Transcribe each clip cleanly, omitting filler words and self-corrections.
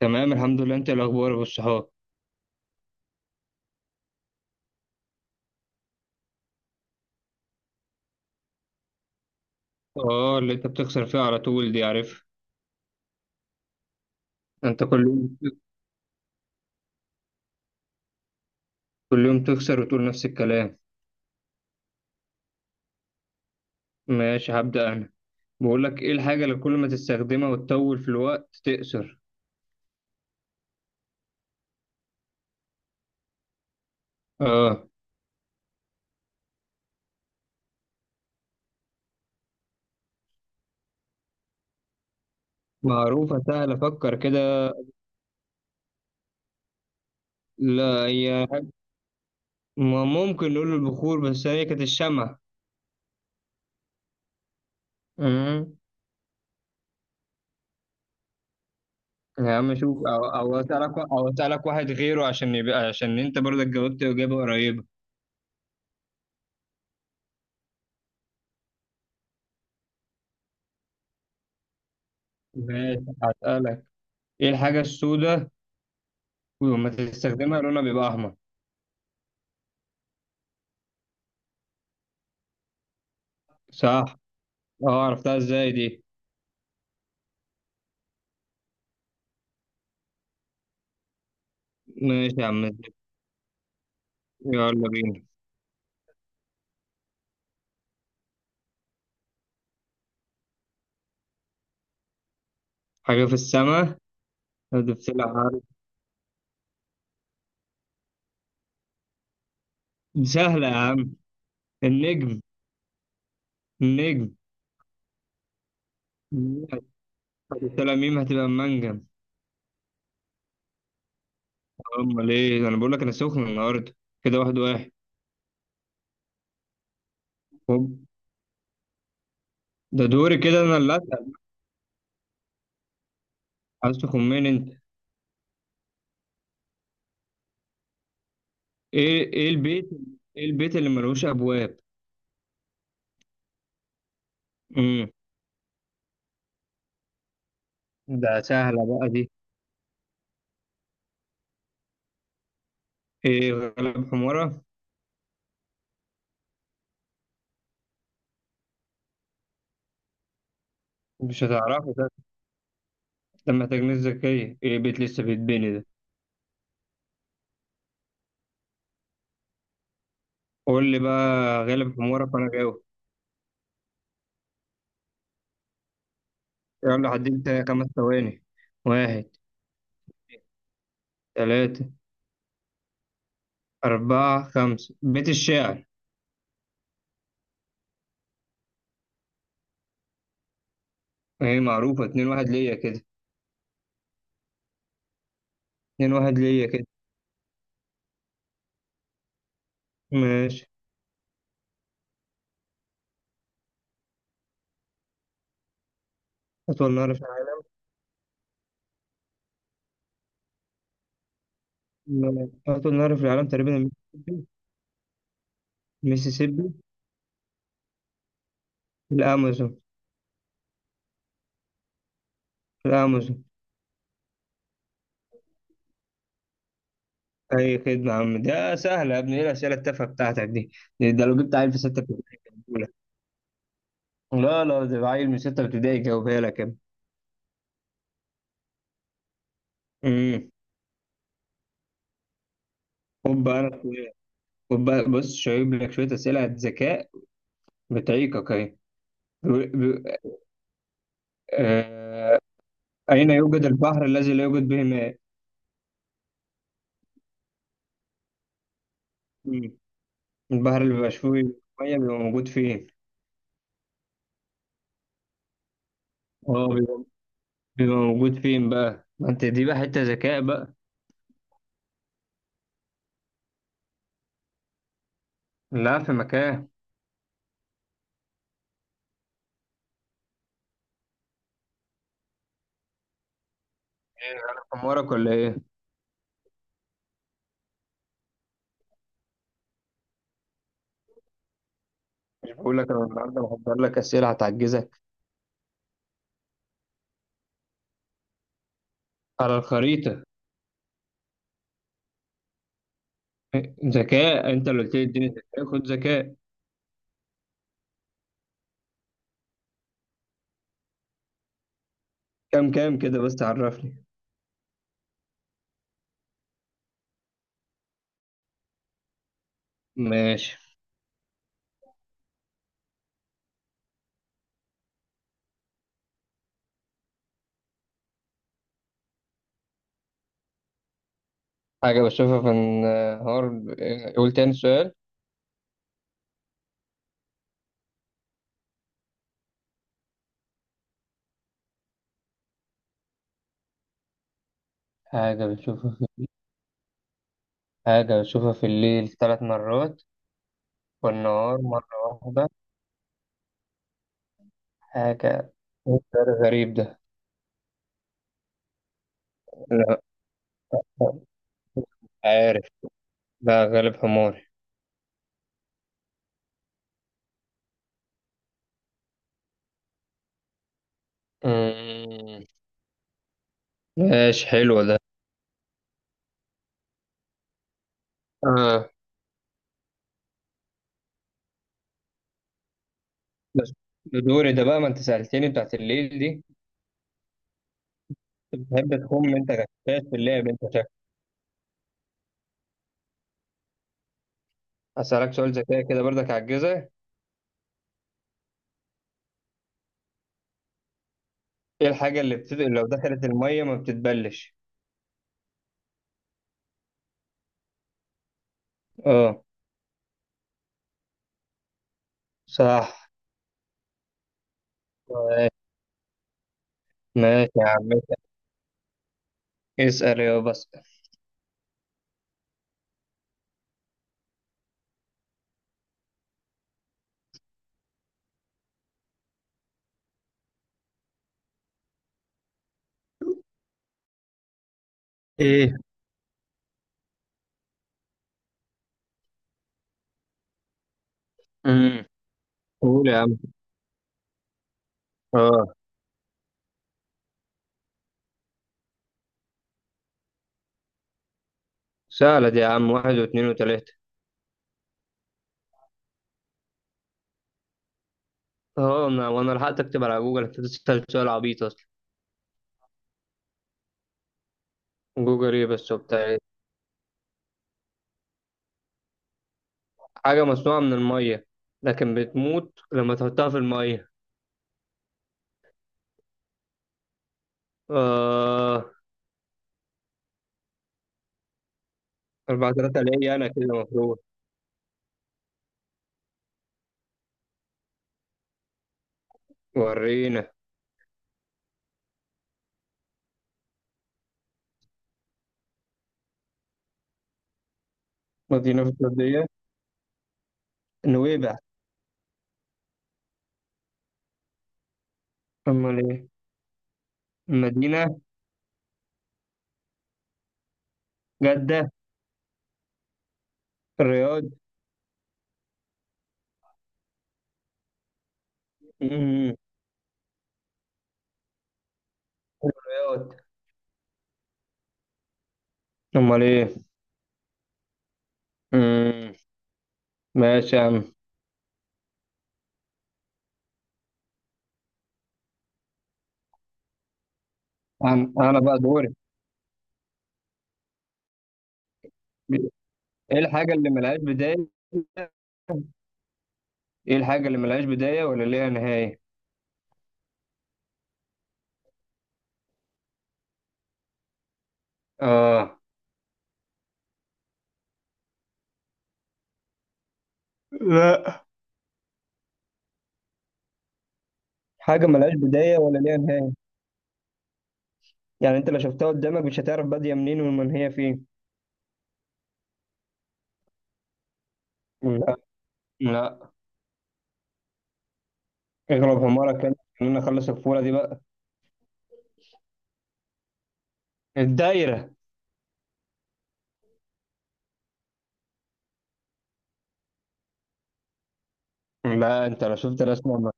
تمام، الحمد لله. انت إيه الاخبار يا ابو الصحاب؟ اه، اللي انت بتخسر فيها على طول دي، عارف. انت كل يوم تخسر وتقول نفس الكلام. ماشي، هبدأ انا. بقول لك، ايه الحاجة اللي كل ما تستخدمها وتطول في الوقت تقصر؟ اه، معروفة سهلة، افكر كده. لا، هي ما ممكن نقول البخور، بس هي كانت الشمع. امم. يا عم شوف، او اسالك واحد غيره، عشان انت برضك جاوبت اجابة قريبة. ماشي، هسألك. ايه الحاجة السوداء ولما تستخدمها لونها بيبقى أحمر؟ صح. أه، عرفتها إزاي دي؟ ماشي يا عم زيد. يلا بينا. حاجة في السماء؟ هتبتلع، عارف؟ سهلة يا عم. النجم، النجم. هتبتلع ميم هتبقى منجم. أمال إيه؟ أنا بقول لك أنا سخن النهاردة. كده 1-1. هوب. ده دوري كده، أنا اللي أسأل. عايز تخمن أنت؟ إيه إيه البيت إيه البيت اللي ملوش أبواب؟ امم. ده سهلة بقى دي. إيه، غلب حمارة. مش هتعرفه. ده محتاج ناس ذكية، ايه بيت لسه بيتبني ده؟ قول لي بقى. غالب حمارك وانا جاوب. يلا، حددت 5 ثواني. واحد. ثلاثة، أربعة، خمسة، بيت الشعر. ايه معروفة، 2-1 ليا كده. 2-1 ليا كده. ماشي. أطول نهر في العالم؟ أطول نهر في العالم تقريبا المسيسيبي. المسيسيبي. الأمازون. الأمازون. أي خدمة يا عم، ده سهل يا ابني، ايه الأسئلة التافهة بتاعتك دي؟ ده لو جبت عيل في 6 ابتدائي كان بيقولها. لا، لا، ده عيل من 6 ابتدائي جاوبها لك يا ابني. خد بقى انا شويه. خد بقى، بص شايب لك شويه اسئله ذكاء. بتعيقك اهي. بيقول- بيقول- آه، اين يوجد البحر الذي لا يوجد به ماء؟ مم. البحر اللي بيبقى فيه ميه، بيبقى موجود فين؟ اه، بيبقى موجود فين بقى؟ ما انت دي بقى حته ذكاء بقى. لا، في مكان. ايه انا حمارك ولا ايه؟ مش بقول لك انا النهارده محضر لك اسئله هتعجزك؟ على الخريطه. ذكاء، انت اللي قلت لي اديني ذكاء، خد ذكاء. كام كده بس عرفني. ماشي. حاجة بشوفها في النهار؟ قول تاني سؤال. حاجة بشوفها في حاجة بشوفها في الليل 3 مرات والنهار مرة واحدة؟ حاجة إيه السؤال الغريب ده؟ لا. عارف. لا، غالب حماري. أمم. ماشي، حلو ده. آه. بس دوري ده بقى، ما انت سألتني بتاعت الليل دي. انت بتحب تخم، انت غشاش في اللعب، انت شكلك. هسألك سؤال ذكاء كده برضك هتجهزها. ايه الحاجة اللي لو دخلت المية ما بتتبلش؟ اه. صح. ماشي يا عم، اسأل يا بس. ايه؟ امم. قول يا عم. اه. سهلة دي يا عم، واحد واثنين وثلاثة. اه، وانا لحقت اكتب على جوجل، انت بتسأل سؤال عبيط اصلا. جوجل ايه بس وبتاع إيه؟ حاجة مصنوعة من المية لكن بتموت لما تحطها في المية. اه. 4-3 ليا أنا كده المفروض. ورينا. مدينة في السعودية؟ نويبع. أمال إيه؟ مدينة. جدة. الرياض. مم. الرياض. أمال إيه؟ مم. ماشي يا عم. أنا بقى دوري. ايه الحاجه اللي ملهاش بدايه ايه الحاجه اللي ملهاش بدايه ولا ليها نهايه؟ اه. لا. حاجه ملهاش بدايه ولا ليها نهايه، يعني انت لو شفتها قدامك مش هتعرف باديه منين ومن هي فين. لا. لا. اغلب حمارك كده، خلينا نخلص الفوره دي بقى. الدايره. لا، انت لو شفت رسمه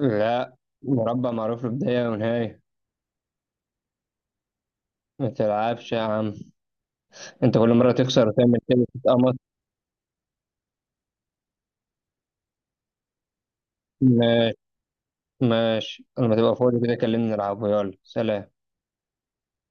لا، مربع معروف له بدايه ونهايه. ما تلعبش يا عم. انت كل مره تخسر وتعمل كده تتقمص. ماشي. ماشي، لما تبقى فاضي كده كلمني نلعبه، يلا سلام.